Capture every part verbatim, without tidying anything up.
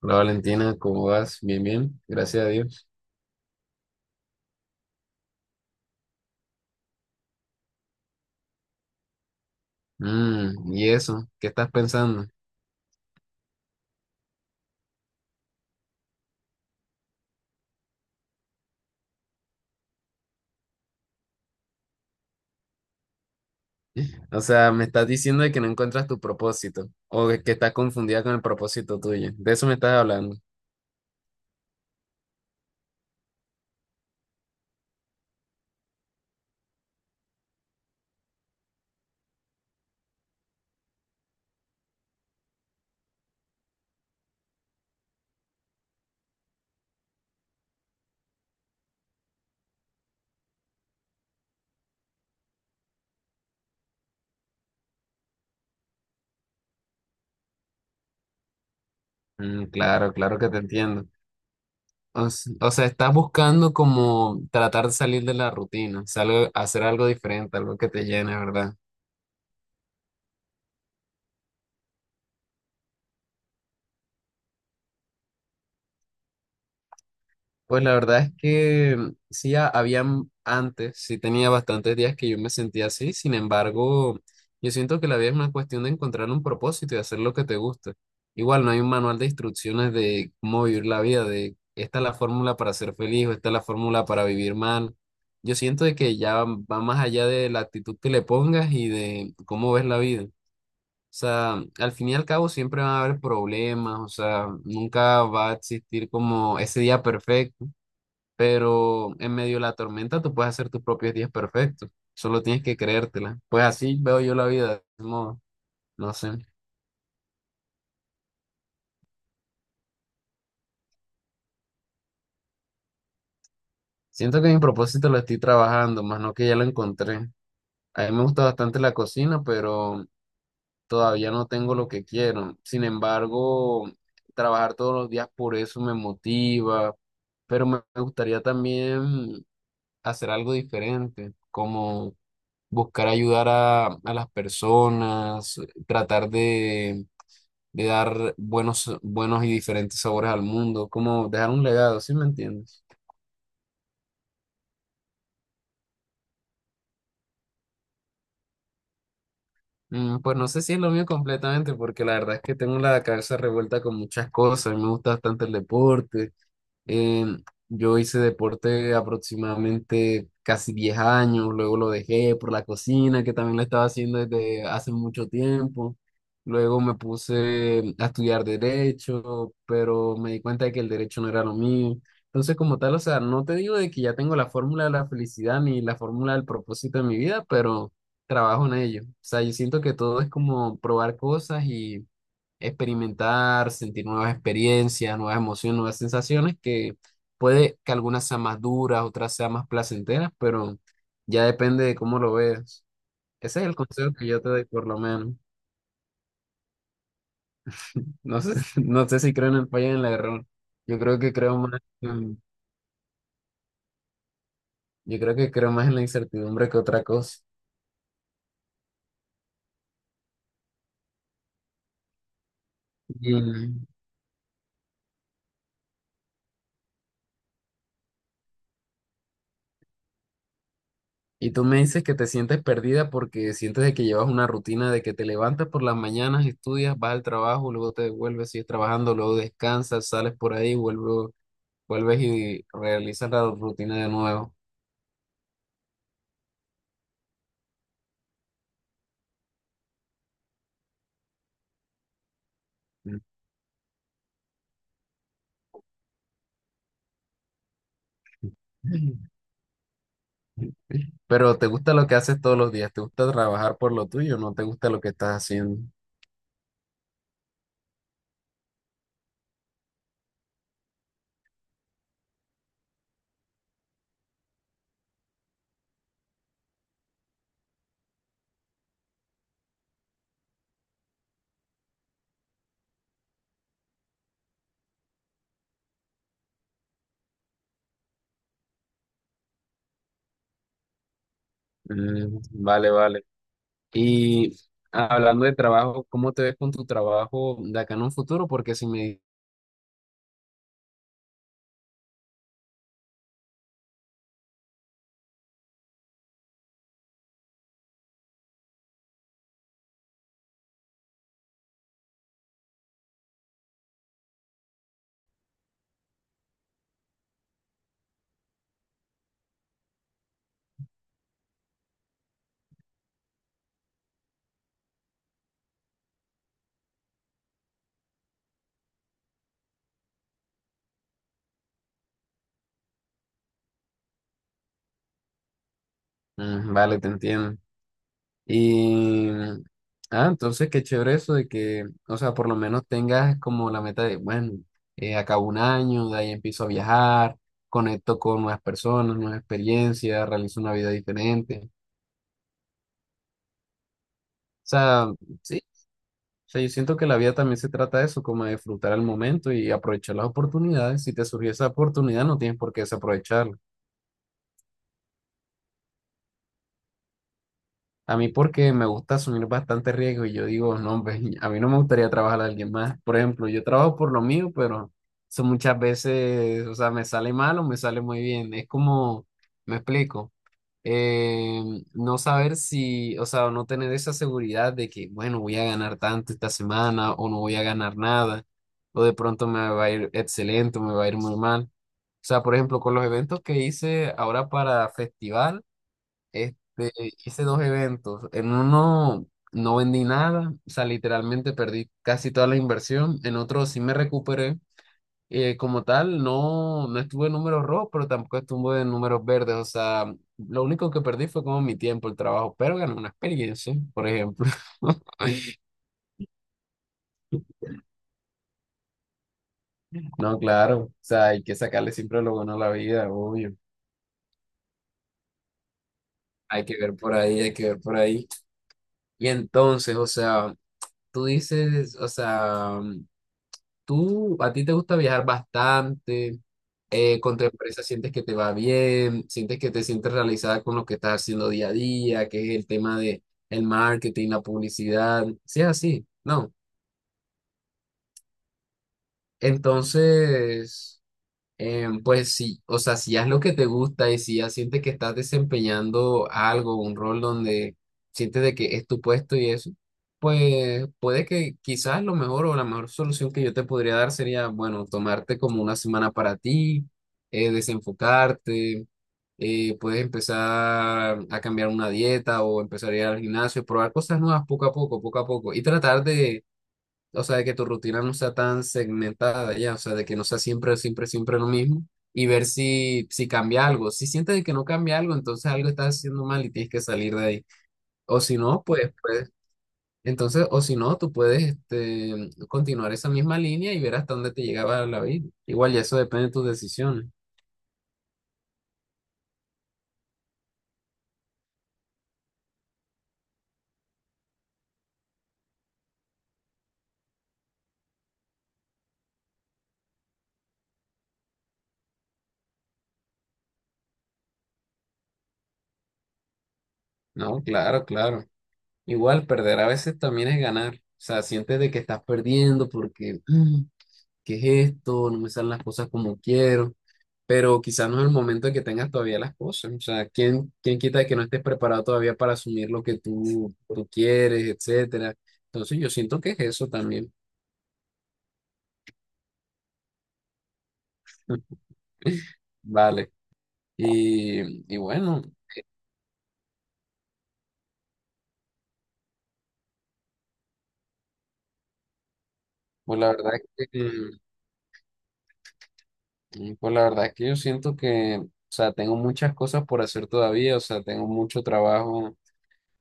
Hola Valentina, ¿cómo vas? Bien, bien, gracias a Dios. Mm, ¿y eso? ¿Qué estás pensando? O sea, me estás diciendo de que no encuentras tu propósito o de que estás confundida con el propósito tuyo. De eso me estás hablando. Mm, claro, claro que te entiendo. O, s- o sea, estás buscando como tratar de salir de la rutina, o sea, algo- hacer algo diferente, algo que te llene, ¿verdad? Pues la verdad es que mm, sí, ha- habían antes, sí tenía bastantes días que yo me sentía así. Sin embargo, yo siento que la vida es una cuestión de encontrar un propósito y hacer lo que te gusta. Igual no hay un manual de instrucciones de cómo vivir la vida, de esta es la fórmula para ser feliz o esta es la fórmula para vivir mal. Yo siento de que ya va más allá de la actitud que le pongas y de cómo ves la vida. O sea, al fin y al cabo siempre van a haber problemas, o sea, nunca va a existir como ese día perfecto, pero en medio de la tormenta tú puedes hacer tus propios días perfectos, solo tienes que creértela. Pues así veo yo la vida, de modo, no sé. Siento que mi propósito lo estoy trabajando, más no que ya lo encontré. A mí me gusta bastante la cocina, pero todavía no tengo lo que quiero. Sin embargo, trabajar todos los días por eso me motiva, pero me me gustaría también hacer algo diferente, como buscar ayudar a, a las personas, tratar de, de dar buenos, buenos y diferentes sabores al mundo, como dejar un legado, ¿sí me entiendes? Mm, pues no sé si es lo mío completamente, porque la verdad es que tengo la cabeza revuelta con muchas cosas, me gusta bastante el deporte. Em, yo hice deporte aproximadamente casi diez años, luego lo dejé por la cocina, que también lo estaba haciendo desde hace mucho tiempo. Luego me puse a estudiar derecho, pero me di cuenta de que el derecho no era lo mío. Entonces, como tal, o sea, no te digo de que ya tengo la fórmula de la felicidad ni la fórmula del propósito de mi vida, pero trabajo en ello. O sea, yo siento que todo es como probar cosas, experimentar, sentir nuevas experiencias, nuevas emociones, nuevas sensaciones, que puede que algunas sean más duras, otras sean más placenteras, pero ya depende de cómo lo veas. Ese es el consejo que yo te doy, por lo menos. No sé, no sé si creo en el fallo y en el error. Yo creo que creo más, en- yo creo que creo más en la incertidumbre que otra cosa. Y Y tú me dices que te sientes perdida porque sientes de que llevas una rutina de que te levantas por las mañanas, estudias, vas al trabajo, luego te devuelves, sigues trabajando, luego descansas, sales por ahí, vuelvo- vuelves y realizas la rutina de nuevo. Mm. Pero te gusta lo que haces todos los días, te gusta trabajar por lo tuyo, no te gusta lo que estás haciendo. Mm, vale, vale. Y hablando de trabajo, ¿cómo te ves con tu trabajo de acá en un futuro? Porque si me... Mm, vale, te entiendo. Y, ah, entonces qué chévere eso de que, o sea, por lo menos tengas como la meta de, bueno, eh, acabo un año, de ahí empiezo a viajar, conecto con nuevas personas, nuevas experiencias, realizo una vida diferente. O sea, sí, o sea, yo siento que la vida también se trata de eso, como de disfrutar el momento y aprovechar las oportunidades. Si te surgió esa oportunidad, no tienes por qué desaprovecharla. A mí porque me gusta asumir bastante riesgo y yo digo, no, hombre, a mí no me gustaría trabajar a alguien más. Por ejemplo, yo trabajo por lo mío, pero eso muchas veces, o sea, me sale mal o me sale muy bien. Es como, me explico, eh, no saber si, o sea, no tener esa seguridad de que, bueno, voy a ganar tanto esta semana o no voy a ganar nada, o de pronto me va a ir excelente o me va a ir muy mal. O sea, por ejemplo, con los eventos que hice ahora para festival. Este, hice dos eventos. En uno no vendí nada, o sea, literalmente perdí casi toda la inversión. En otro sí me recuperé. Eh, como tal, no, no estuve en números rojos, pero tampoco estuve en números verdes. O sea, lo único que perdí fue como mi tiempo, el trabajo, pero gané una experiencia, por ejemplo. No, claro, o sea, hay que sacarle siempre lo bueno a la vida, obvio. Hay que ver por ahí, hay que ver por ahí. Y entonces, o sea, tú dices, o sea... Tú, a ti te gusta viajar bastante, eh, con tu empresa sientes que te va bien, sientes que te sientes realizada con lo que estás haciendo día a día, que es el tema de el marketing, la publicidad, si es así, no. Entonces. Eh, pues sí, o sea, si haz lo que te gusta y si ya sientes que estás desempeñando algo, un rol donde sientes de que es tu puesto y eso, pues puede que quizás lo mejor o la mejor solución que yo te podría dar sería, bueno, tomarte como una semana para ti, eh, desenfocarte, eh, puedes empezar a cambiar una dieta o empezar a ir al gimnasio, probar cosas nuevas poco a poco, poco a poco y tratar de, o sea, de que tu rutina no sea tan segmentada ya, o sea, de que no sea siempre, siempre, siempre lo mismo y ver si, si cambia algo. Si sientes de que no cambia algo, entonces algo estás haciendo mal y tienes que salir de ahí. O si no, pues, pues, entonces, o si no, tú puedes este, continuar esa misma línea y ver hasta dónde te llegaba la vida. Igual, y eso depende de tus decisiones. No, claro, claro. Igual, perder a veces también es ganar. O sea, sientes de que estás perdiendo porque, "Mm, ¿qué es esto? No me salen las cosas como quiero". Pero quizás no es el momento en que tengas todavía las cosas. O sea, ¿quién, quién quita que no estés preparado todavía para asumir lo que tú, tú quieres, etcétera? Entonces yo siento que es eso también. Vale. Y, y bueno, pues la verdad es que, mm, pues la verdad es que yo siento que, o sea, tengo muchas cosas por hacer todavía, o sea, tengo mucho trabajo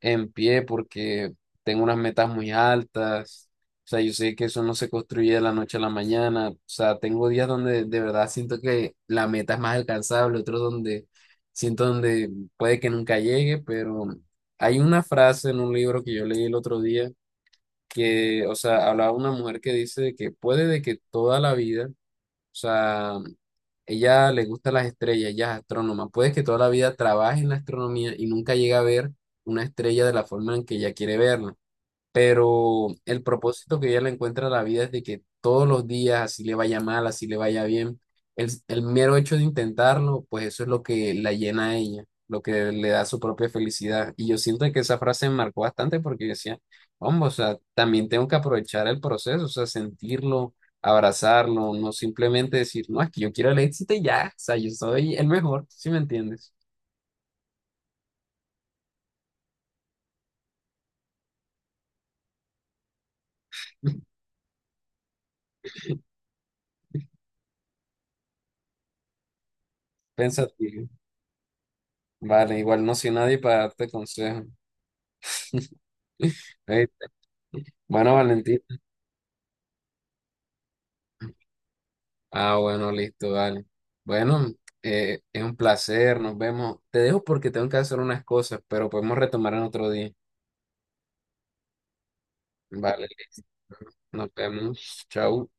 en pie porque tengo unas metas muy altas. O sea, yo sé que eso no se construye de la noche a la mañana. O sea, tengo días donde de verdad siento que la meta es más alcanzable, otros donde siento donde puede que nunca llegue, pero hay una frase en un libro que yo leí el otro día que, o sea, hablaba una mujer que dice que puede de que toda la vida, o sea, ella le gusta las estrellas, ella es astrónoma. Puede que toda la vida trabaje en la astronomía y nunca llegue a ver una estrella de la forma en que ella quiere verla, pero el propósito que ella le encuentra a la vida es de que todos los días, así le vaya mal, así le vaya bien, el, el mero hecho de intentarlo, pues eso es lo que la llena a ella, lo que le da su propia felicidad. Y yo siento que esa frase me marcó bastante porque yo decía, vamos, o sea, también tengo que aprovechar el proceso, o sea, sentirlo, abrazarlo, no simplemente decir, no, es que yo quiero el éxito y ya, o sea, yo soy el mejor, ¿si me entiendes? Pensativo. Vale, igual no soy nadie para darte consejo. Ey, bueno, Valentín. Ah, bueno, listo, dale. Bueno, eh, es un placer, nos vemos. Te dejo porque tengo que hacer unas cosas, pero podemos retomar en otro día. Vale, listo. Nos vemos. Chau.